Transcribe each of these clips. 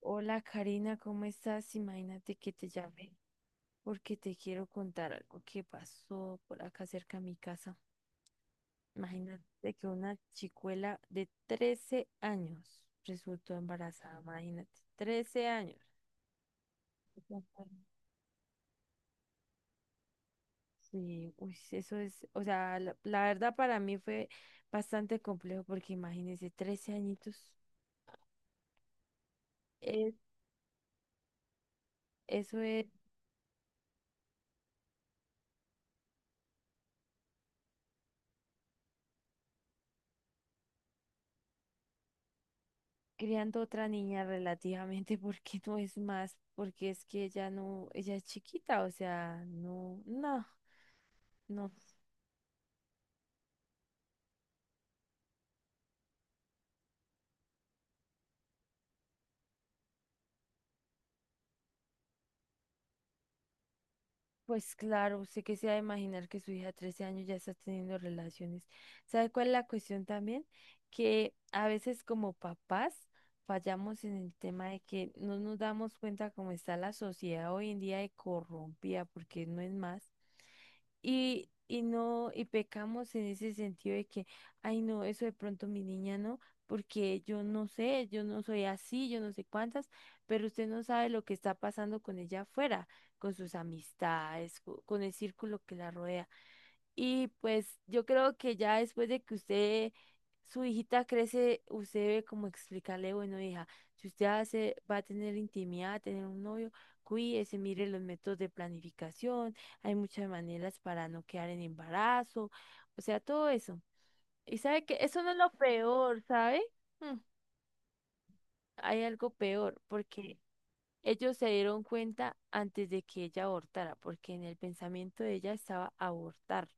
Hola Karina, ¿cómo estás? Imagínate que te llamé porque te quiero contar algo que pasó por acá cerca a mi casa. Imagínate que una chicuela de 13 años resultó embarazada, imagínate, 13 años. Sí, uy, eso es, o sea, la verdad para mí fue bastante complejo porque imagínense, 13 añitos, es, eso es criando otra niña relativamente porque no es más, porque es que ella no, ella es chiquita, o sea, no, no, no. Pues claro, sé que se ha de imaginar que su hija de 13 años ya está teniendo relaciones. ¿Sabe cuál es la cuestión también? Que a veces como papás fallamos en el tema de que no nos damos cuenta cómo está la sociedad hoy en día de corrompida, porque no es más. Y no, y pecamos en ese sentido de que, ay no, eso de pronto mi niña no, porque yo no sé, yo no soy así, yo no sé cuántas, pero usted no sabe lo que está pasando con ella afuera, con sus amistades, con el círculo que la rodea. Y pues yo creo que ya después de que usted, su hijita crece, usted debe como explicarle, bueno, hija, si usted hace, va a tener intimidad, tener un novio, cuídese, mire los métodos de planificación, hay muchas maneras para no quedar en embarazo, o sea, todo eso. Y sabe que eso no es lo peor, ¿sabe? Mm, Hay algo peor, porque ellos se dieron cuenta antes de que ella abortara, porque en el pensamiento de ella estaba abortar.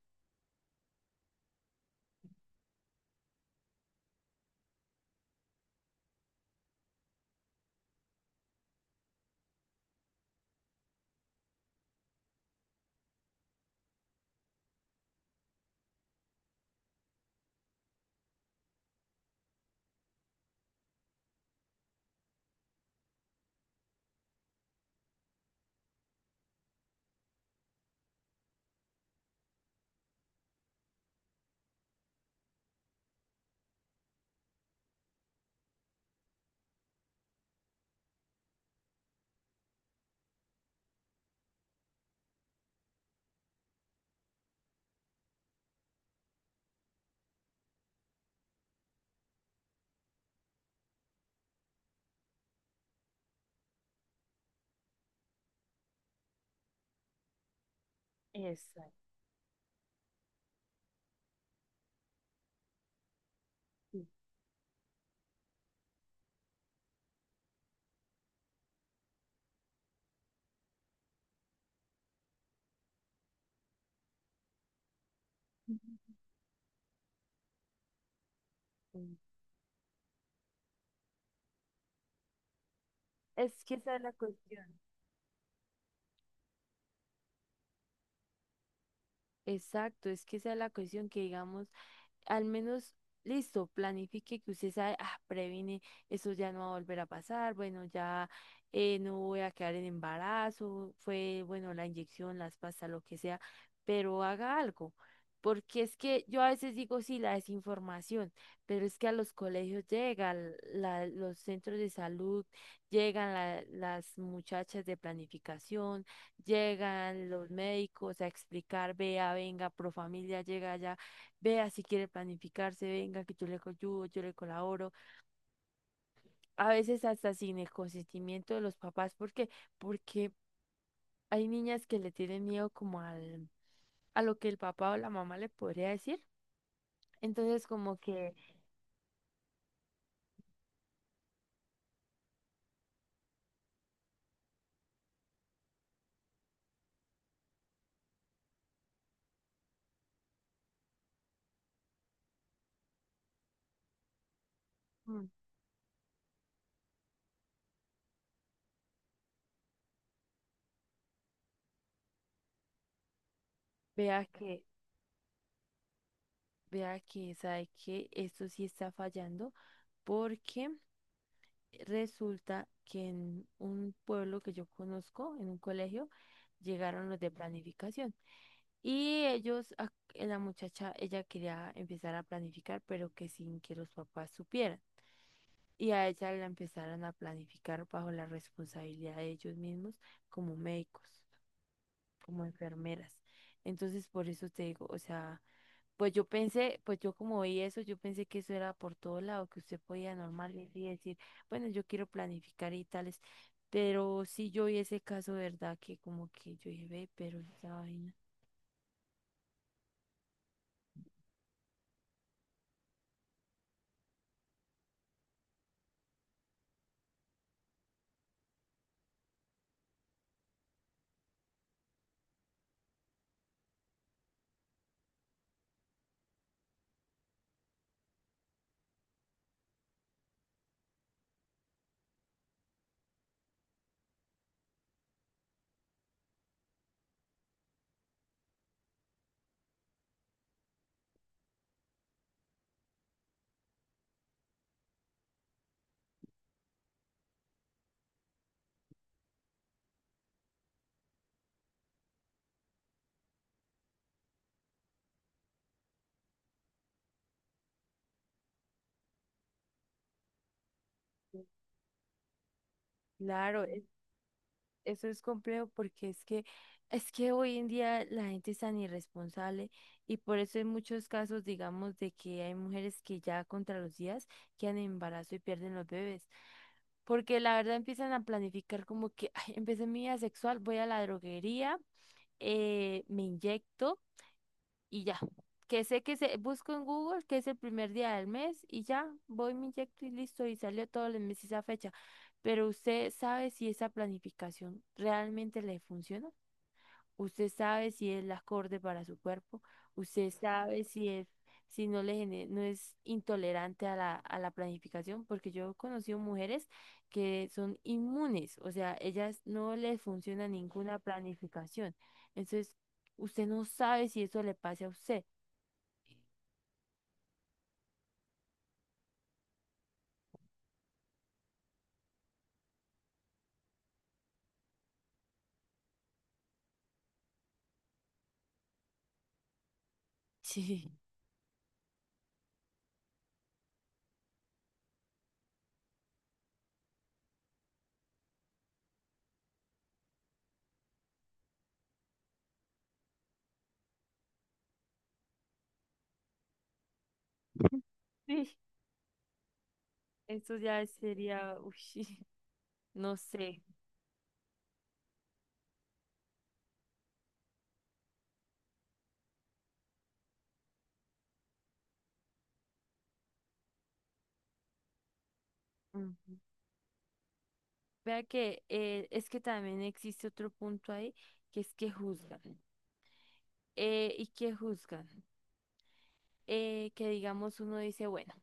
Exacto. Es que esa es la cuestión. Exacto, es que esa es la cuestión que digamos, al menos, listo, planifique que usted sabe, ah, previne, eso ya no va a volver a pasar, bueno, ya no voy a quedar en embarazo, fue, bueno, la inyección, las pastas, lo que sea, pero haga algo. Porque es que yo a veces digo, sí, la desinformación, pero es que a los colegios llegan, los centros de salud, llegan las muchachas de planificación, llegan los médicos a explicar, vea, venga, pro familia llega allá. Vea si quiere planificarse, venga, que yo le ayudo, yo le colaboro. A veces hasta sin el consentimiento de los papás, porque hay niñas que le tienen miedo como al, a lo que el papá o la mamá le podría decir. Entonces, como que mm, vea que, vea que sabe que esto sí está fallando, porque resulta que en un pueblo que yo conozco, en un colegio, llegaron los de planificación. Y ellos, la muchacha, ella quería empezar a planificar, pero que sin que los papás supieran. Y a ella la empezaron a planificar bajo la responsabilidad de ellos mismos como médicos, como enfermeras. Entonces, por eso te digo, o sea, pues yo pensé, pues yo como vi eso, yo pensé que eso era por todo lado, que usted podía normal ir y decir, bueno, yo quiero planificar y tales. Pero sí yo vi ese caso, ¿verdad? Que como que yo dije, ve, pero esa vaina. Claro, eso es complejo porque es que hoy en día la gente es tan irresponsable y por eso en muchos casos digamos de que hay mujeres que ya contra los días quedan en embarazo y pierden los bebés. Porque la verdad empiezan a planificar como que "Ay, empecé mi vida sexual, voy a la droguería, me inyecto y ya. Que sé que busco en Google que es el primer día del mes y ya, voy, me inyecto y listo, y salió todos los meses esa fecha. Pero usted sabe si esa planificación realmente le funciona. Usted sabe si es la acorde para su cuerpo. Usted sabe si es, si no no es intolerante a la planificación, porque yo he conocido mujeres que son inmunes, o sea, ellas no les funciona ninguna planificación. Entonces, usted no sabe si eso le pase a usted. Sí. Sí, eso ya sería, uy, no sé. Mm. Vea que es que también existe otro punto ahí, que es que juzgan. ¿Y que juzgan? Que digamos uno dice, bueno,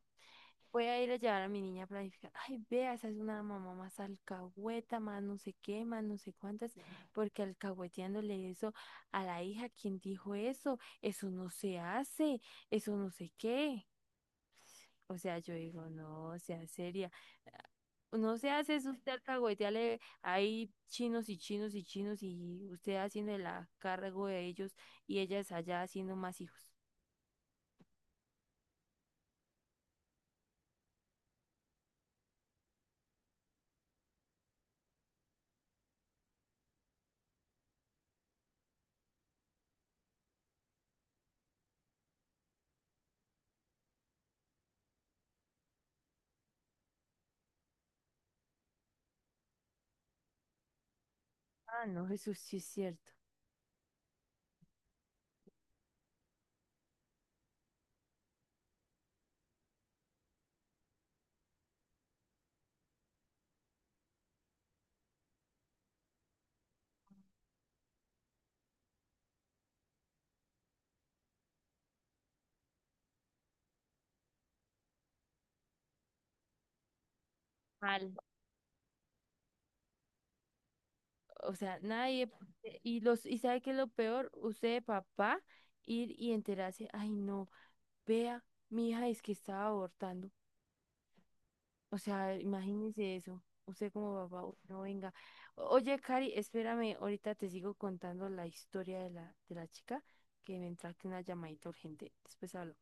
voy a ir a llevar a mi niña a planificar. Ay, vea, esa es una mamá más alcahueta, más no sé qué, más no sé cuántas, porque alcahueteándole eso a la hija, ¿quién dijo eso? Eso no se hace, eso no sé qué. O sea, yo digo, no, sea seria. No se hace eso usted alcahuetearle ahí chinos y chinos y chinos y usted haciendo el cargo de ellos y ellas allá haciendo más hijos. Ah, no, eso sí es cierto. Mal. O sea, nadie, y los, y sabe qué es lo peor, usted de papá ir y enterarse, ay no, vea, mi hija es que estaba abortando. O sea, imagínese eso. Usted como papá, "Uy, no venga. Oye, Cari, espérame, ahorita te sigo contando la historia de la chica, que me entra aquí una llamadita urgente. Después hablamos.